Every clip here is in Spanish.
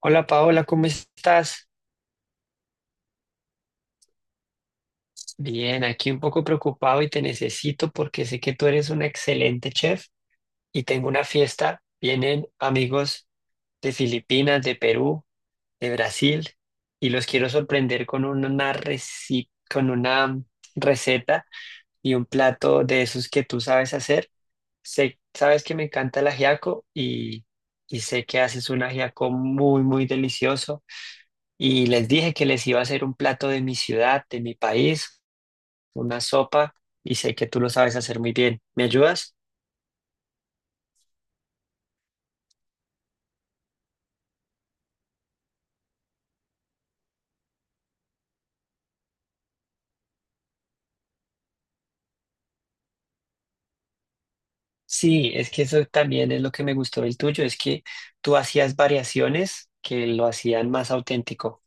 Hola Paola, ¿cómo estás? Bien, aquí un poco preocupado y te necesito porque sé que tú eres una excelente chef y tengo una fiesta. Vienen amigos de Filipinas, de Perú, de Brasil y los quiero sorprender con con una receta y un plato de esos que tú sabes hacer. Sé, sabes que me encanta el ajiaco y sé que haces un ajiaco muy, muy delicioso. Y les dije que les iba a hacer un plato de mi ciudad, de mi país, una sopa, y sé que tú lo sabes hacer muy bien. ¿Me ayudas? Sí, es que eso también es lo que me gustó del tuyo, es que tú hacías variaciones que lo hacían más auténtico.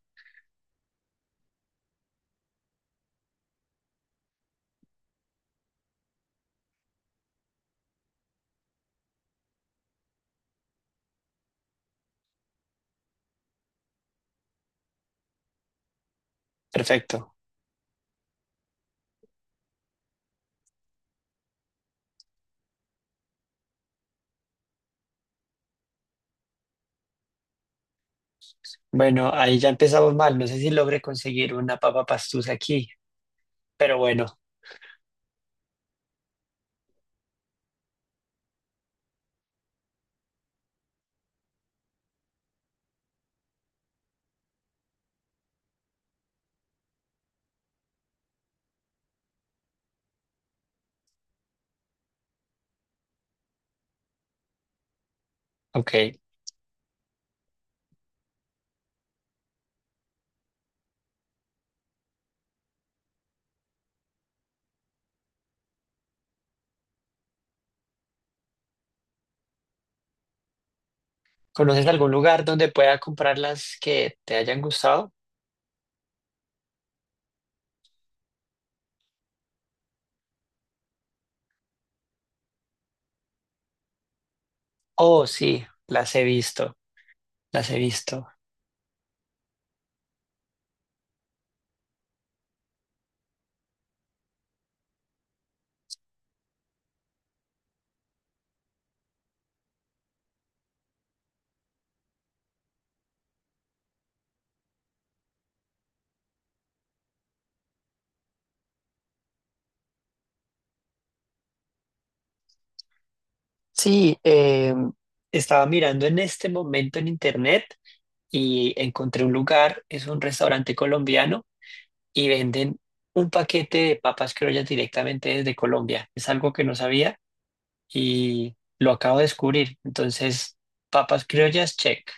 Perfecto. Bueno, ahí ya empezamos mal. No sé si logré conseguir una papa pastusa aquí, pero bueno, ok. ¿Conoces algún lugar donde pueda comprar las que te hayan gustado? Oh, sí, las he visto, las he visto. Sí, estaba mirando en este momento en internet y encontré un lugar, es un restaurante colombiano y venden un paquete de papas criollas directamente desde Colombia. Es algo que no sabía y lo acabo de descubrir. Entonces, papas criollas, check.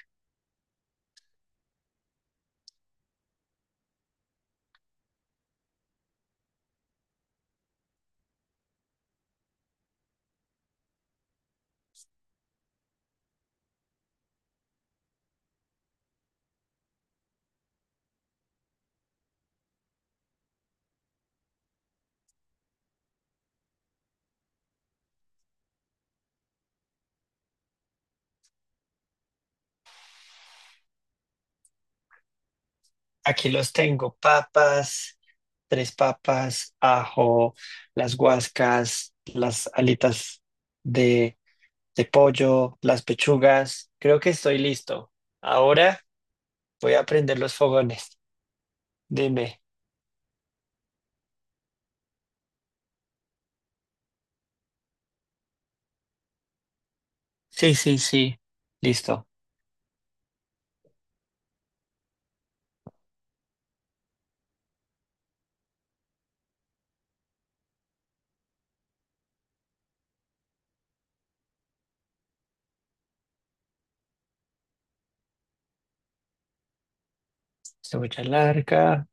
Aquí los tengo, papas, tres papas, ajo, las guascas, las alitas de pollo, las pechugas. Creo que estoy listo. Ahora voy a prender los fogones. Dime. Sí, sí, sí. Listo. Cebolla larga.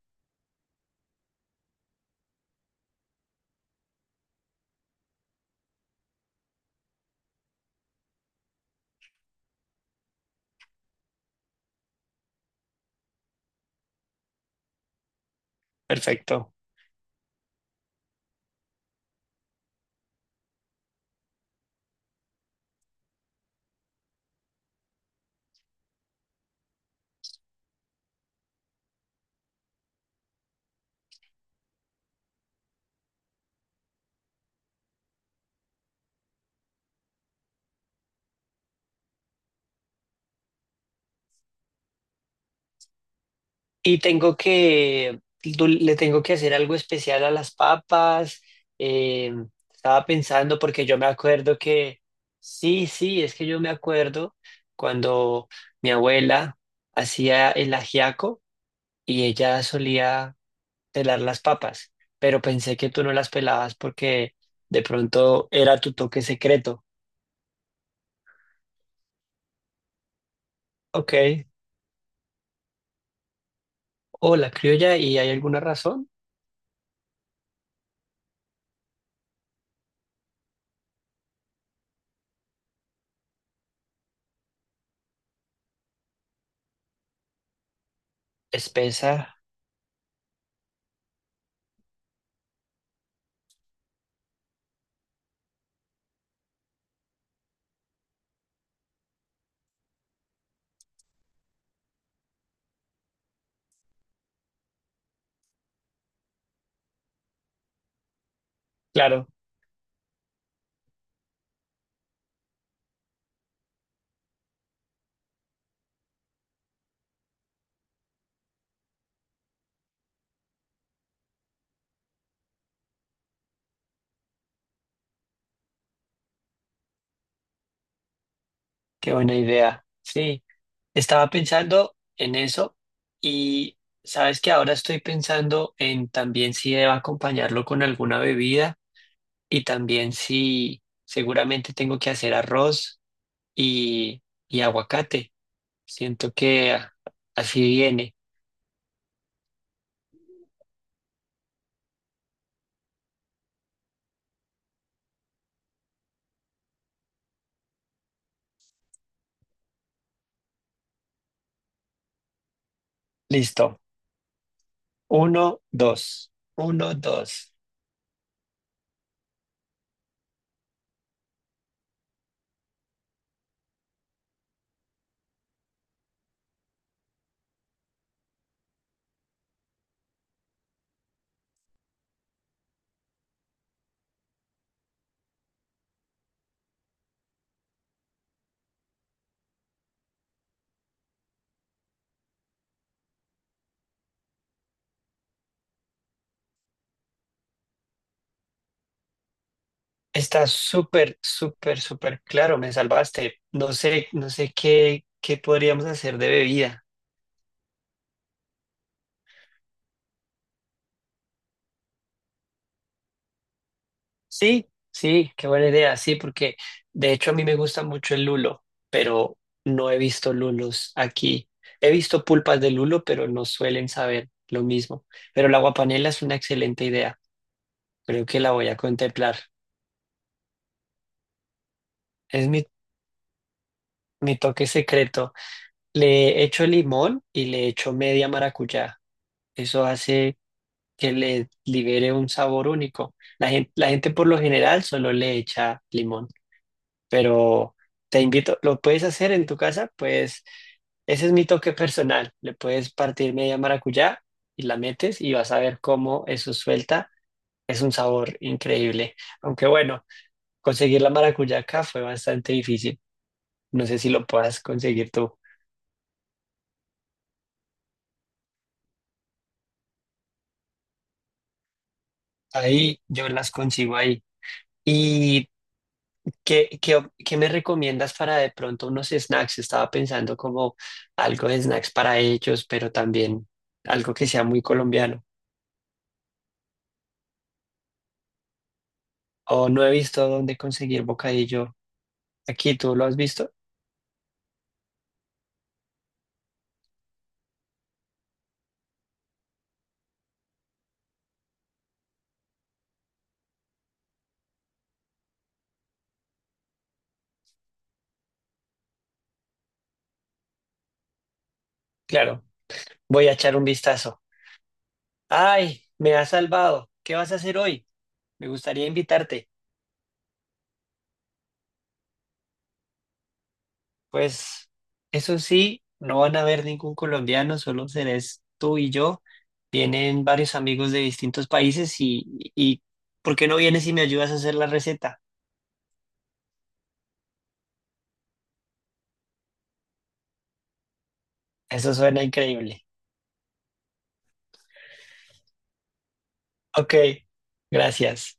Perfecto. Y tengo que, le tengo que hacer algo especial a las papas. eh, Estaba pensando porque yo me acuerdo que, sí, sí, es que yo me acuerdo cuando mi abuela hacía el ajiaco y ella solía pelar las papas, pero pensé que tú no las pelabas porque de pronto era tu toque secreto. Ok. O la criolla, y hay alguna razón. Espesa. Claro, qué buena idea. Sí, estaba pensando en eso y sabes que ahora estoy pensando en también si debo acompañarlo con alguna bebida y también si seguramente tengo que hacer arroz y aguacate. Siento que así viene. Listo. Uno, dos. Uno, dos. Está súper, súper, súper claro. Me salvaste. No sé, no sé qué, qué podríamos hacer de bebida. Sí, sí, qué buena idea. Sí, porque de hecho a mí me gusta mucho el lulo, pero no he visto lulos aquí. He visto pulpas de lulo, pero no suelen saber lo mismo. Pero la guapanela es una excelente idea. Creo que la voy a contemplar. Es mi toque secreto. Le echo limón y le echo media maracuyá. Eso hace que le libere un sabor único. La gente por lo general solo le echa limón, pero te invito, lo puedes hacer en tu casa, pues ese es mi toque personal. Le puedes partir media maracuyá y la metes y vas a ver cómo eso suelta. Es un sabor increíble. Aunque bueno, conseguir la maracuyá acá fue bastante difícil. No sé si lo puedas conseguir tú. Ahí yo las consigo ahí. Y ¿qué, qué, qué me recomiendas para de pronto unos snacks? Estaba pensando como algo de snacks para ellos, pero también algo que sea muy colombiano. O no he visto dónde conseguir bocadillo. Aquí, ¿tú lo has visto? Claro, voy a echar un vistazo. ¡Ay, me has salvado! ¿Qué vas a hacer hoy? Me gustaría invitarte. Pues eso sí, no van a ver ningún colombiano, solo serás tú y yo. Vienen varios amigos de distintos países y ¿por qué no vienes y me ayudas a hacer la receta? Eso suena increíble. Ok, gracias.